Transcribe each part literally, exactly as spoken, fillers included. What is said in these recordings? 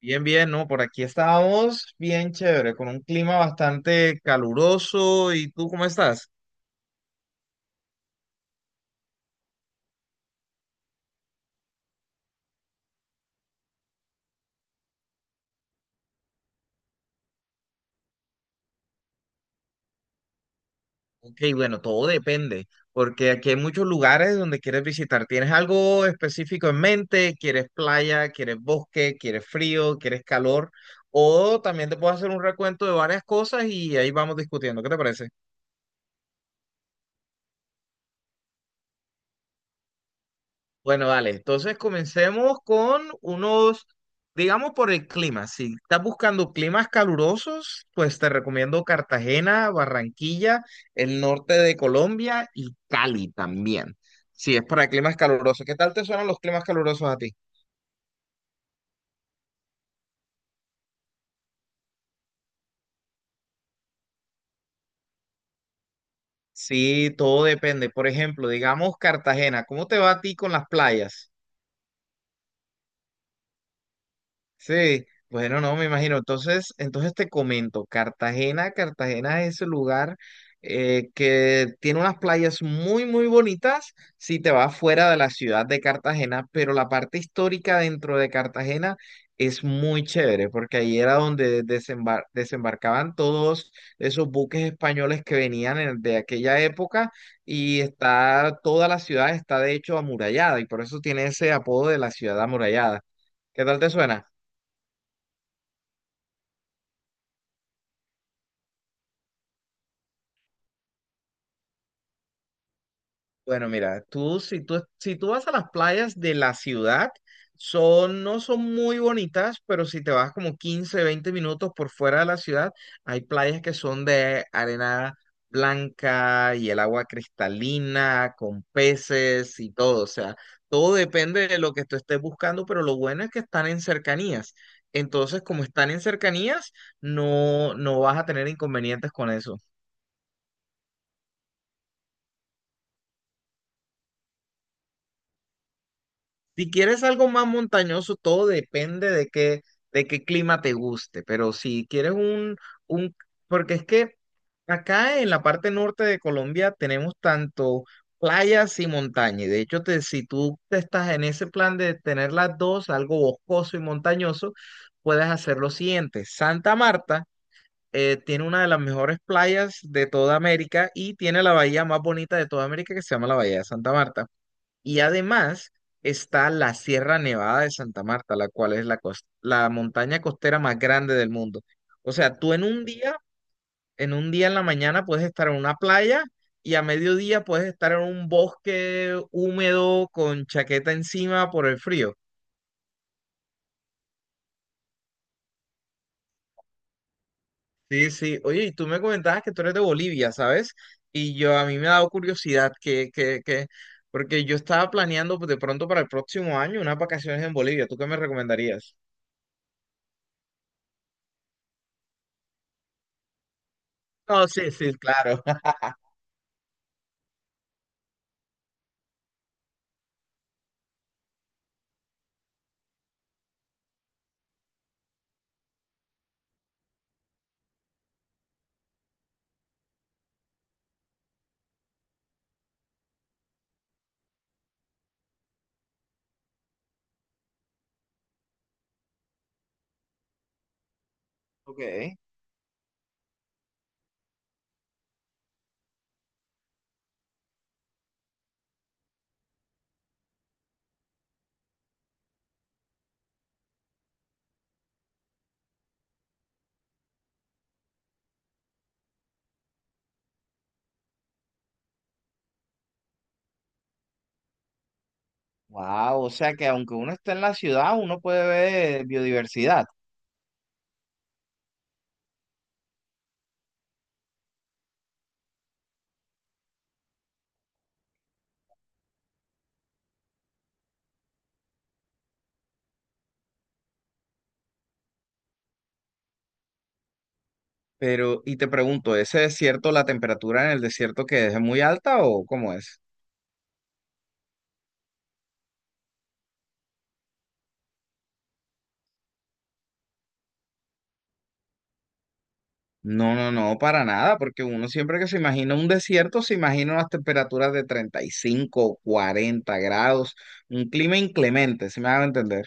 Bien, bien, ¿no? Por aquí estábamos bien chévere, con un clima bastante caluroso. ¿Y tú cómo estás? Ok, bueno, todo depende, porque aquí hay muchos lugares donde quieres visitar. ¿Tienes algo específico en mente? ¿Quieres playa? ¿Quieres bosque? ¿Quieres frío? ¿Quieres calor? O también te puedo hacer un recuento de varias cosas y ahí vamos discutiendo. ¿Qué te parece? Bueno, vale, entonces comencemos con unos, digamos por el clima. Si estás buscando climas calurosos, pues te recomiendo Cartagena, Barranquilla, el norte de Colombia y Cali también. Si es para climas calurosos, ¿qué tal te suenan los climas calurosos a ti? Sí, todo depende. Por ejemplo, digamos Cartagena, ¿cómo te va a ti con las playas? Sí, bueno, no, me imagino. Entonces, entonces te comento, Cartagena, Cartagena es el lugar eh, que tiene unas playas muy, muy bonitas si te vas fuera de la ciudad de Cartagena, pero la parte histórica dentro de Cartagena es muy chévere, porque ahí era donde desembar- desembarcaban todos esos buques españoles que venían en- de aquella época y está, toda la ciudad está de hecho amurallada y por eso tiene ese apodo de la ciudad amurallada. ¿Qué tal te suena? Bueno, mira, tú si tú si tú vas a las playas de la ciudad, son no son muy bonitas, pero si te vas como quince veinte minutos por fuera de la ciudad, hay playas que son de arena blanca y el agua cristalina con peces y todo, o sea, todo depende de lo que tú estés buscando, pero lo bueno es que están en cercanías. Entonces, como están en cercanías, no no vas a tener inconvenientes con eso. Si quieres algo más montañoso, todo depende de qué, de qué clima te guste, pero si quieres un, un, porque es que acá en la parte norte de Colombia tenemos tanto playas y montaña, y de hecho te, si tú te estás en ese plan de tener las dos, algo boscoso y montañoso, puedes hacer lo siguiente. Santa Marta eh, tiene una de las mejores playas de toda América y tiene la bahía más bonita de toda América que se llama la Bahía de Santa Marta. Y además está la Sierra Nevada de Santa Marta, la cual es la, cos- la montaña costera más grande del mundo. O sea, tú en un día, en un día en la mañana puedes estar en una playa y a mediodía puedes estar en un bosque húmedo con chaqueta encima por el frío. Sí, sí. Oye, y tú me comentabas que tú eres de Bolivia, ¿sabes? Y yo a mí me ha dado curiosidad que, que, que, porque yo estaba planeando pues, de pronto para el próximo año unas vacaciones en Bolivia. ¿Tú qué me recomendarías? No, sí, sí, claro. Ok. Wow, o sea que aunque uno está en la ciudad, uno puede ver biodiversidad. Pero, y te pregunto, ¿ese desierto, la temperatura en el desierto que es muy alta o cómo es? No, no, no, para nada, porque uno siempre que se imagina un desierto, se imagina unas temperaturas de treinta y cinco, cuarenta grados, un clima inclemente, si me hago entender.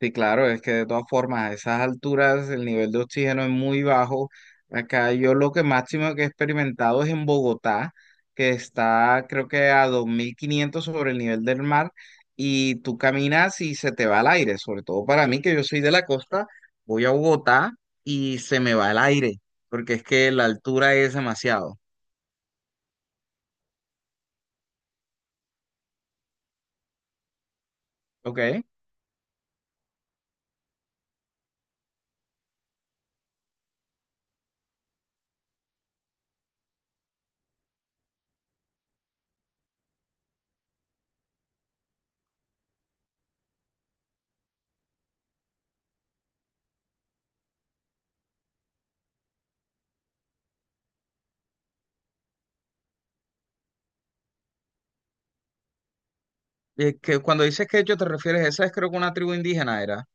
Sí, claro, es que de todas formas, a esas alturas el nivel de oxígeno es muy bajo. Acá yo lo que máximo que he experimentado es en Bogotá, que está creo que a dos mil quinientos sobre el nivel del mar y tú caminas y se te va el aire, sobre todo para mí que yo soy de la costa, voy a Bogotá y se me va el aire, porque es que la altura es demasiado, ¿ok? Es que cuando dices que yo te refieres, esa es creo que una tribu indígena era.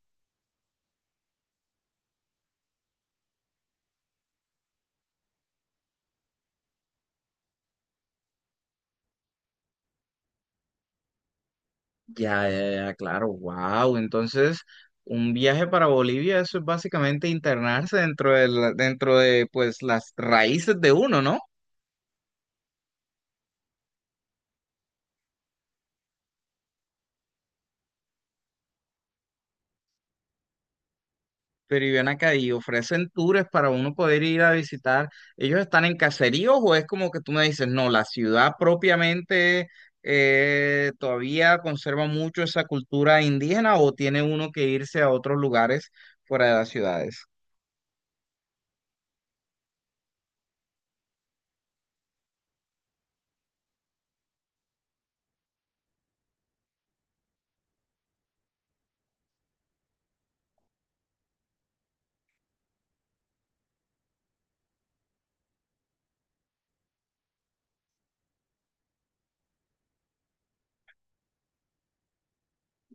Ya, ya, ya, claro, wow. Entonces, un viaje para Bolivia, eso es básicamente internarse dentro de, la- dentro de pues las raíces de uno, ¿no? Pero y ven acá y ofrecen tours para uno poder ir a visitar. ¿Ellos están en caseríos o es como que tú me dices, no, la ciudad propiamente eh, todavía conserva mucho esa cultura indígena o tiene uno que irse a otros lugares fuera de las ciudades?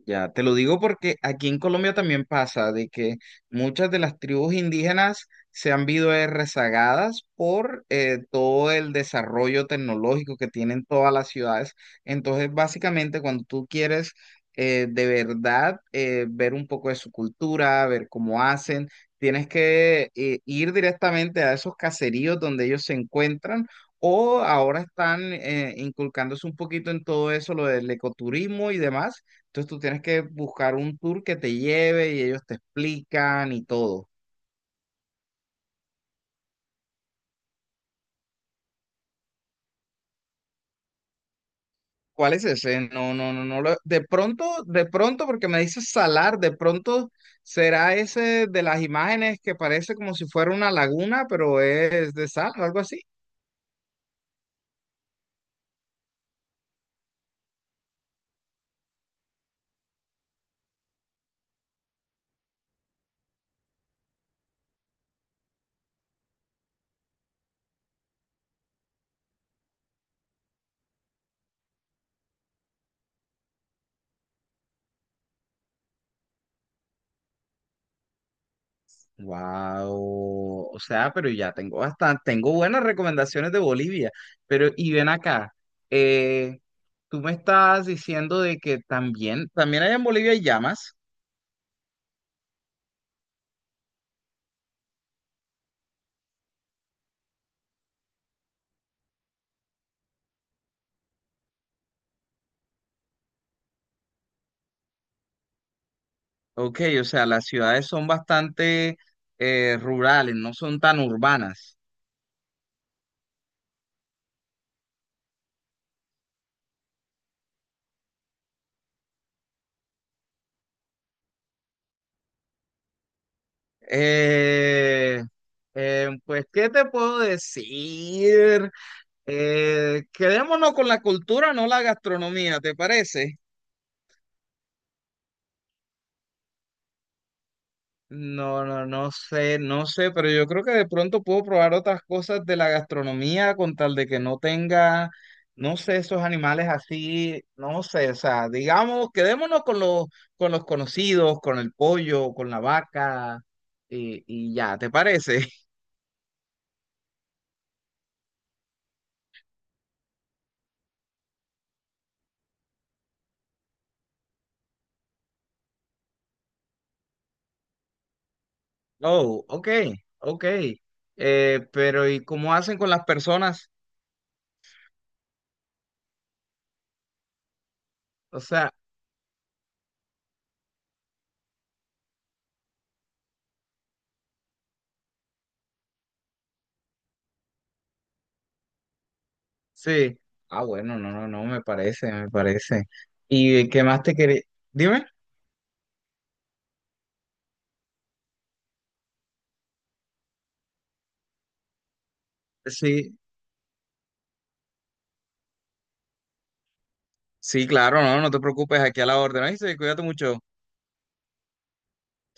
Ya, te lo digo porque aquí en Colombia también pasa de que muchas de las tribus indígenas se han visto eh, rezagadas por eh, todo el desarrollo tecnológico que tienen todas las ciudades. Entonces, básicamente, cuando tú quieres eh, de verdad eh, ver un poco de su cultura, ver cómo hacen, tienes que eh, ir directamente a esos caseríos donde ellos se encuentran. O ahora están eh, inculcándose un poquito en todo eso, lo del ecoturismo y demás, entonces tú tienes que buscar un tour que te lleve y ellos te explican y todo. ¿Cuál es ese? No, no, no, no. lo- De pronto, de pronto, porque me dices salar, de pronto será ese de las imágenes que parece como si fuera una laguna, pero es de sal o algo así. Wow, o sea, pero ya tengo bastante, tengo buenas recomendaciones de Bolivia, pero y ven acá, eh, tú me estás diciendo de que también, también allá en Bolivia hay llamas. Ok, o sea, las ciudades son bastante eh, rurales, no son tan urbanas. Eh, eh, pues, ¿qué te puedo decir? Eh, quedémonos con la cultura, no la gastronomía, ¿te parece? No, no, no sé, no sé, pero yo creo que de pronto puedo probar otras cosas de la gastronomía con tal de que no tenga, no sé, esos animales así, no sé, o sea, digamos, quedémonos con los, con los conocidos, con el pollo, con la vaca, y, y ya, ¿te parece? Oh, ok, ok. Eh, pero ¿y cómo hacen con las personas? O sea, sí. Ah, bueno, no, no, no, me parece, me parece. ¿Y qué más te quería? Dime. Sí. Sí, claro, no, no te preocupes, aquí a la orden. Ahí cuídate mucho.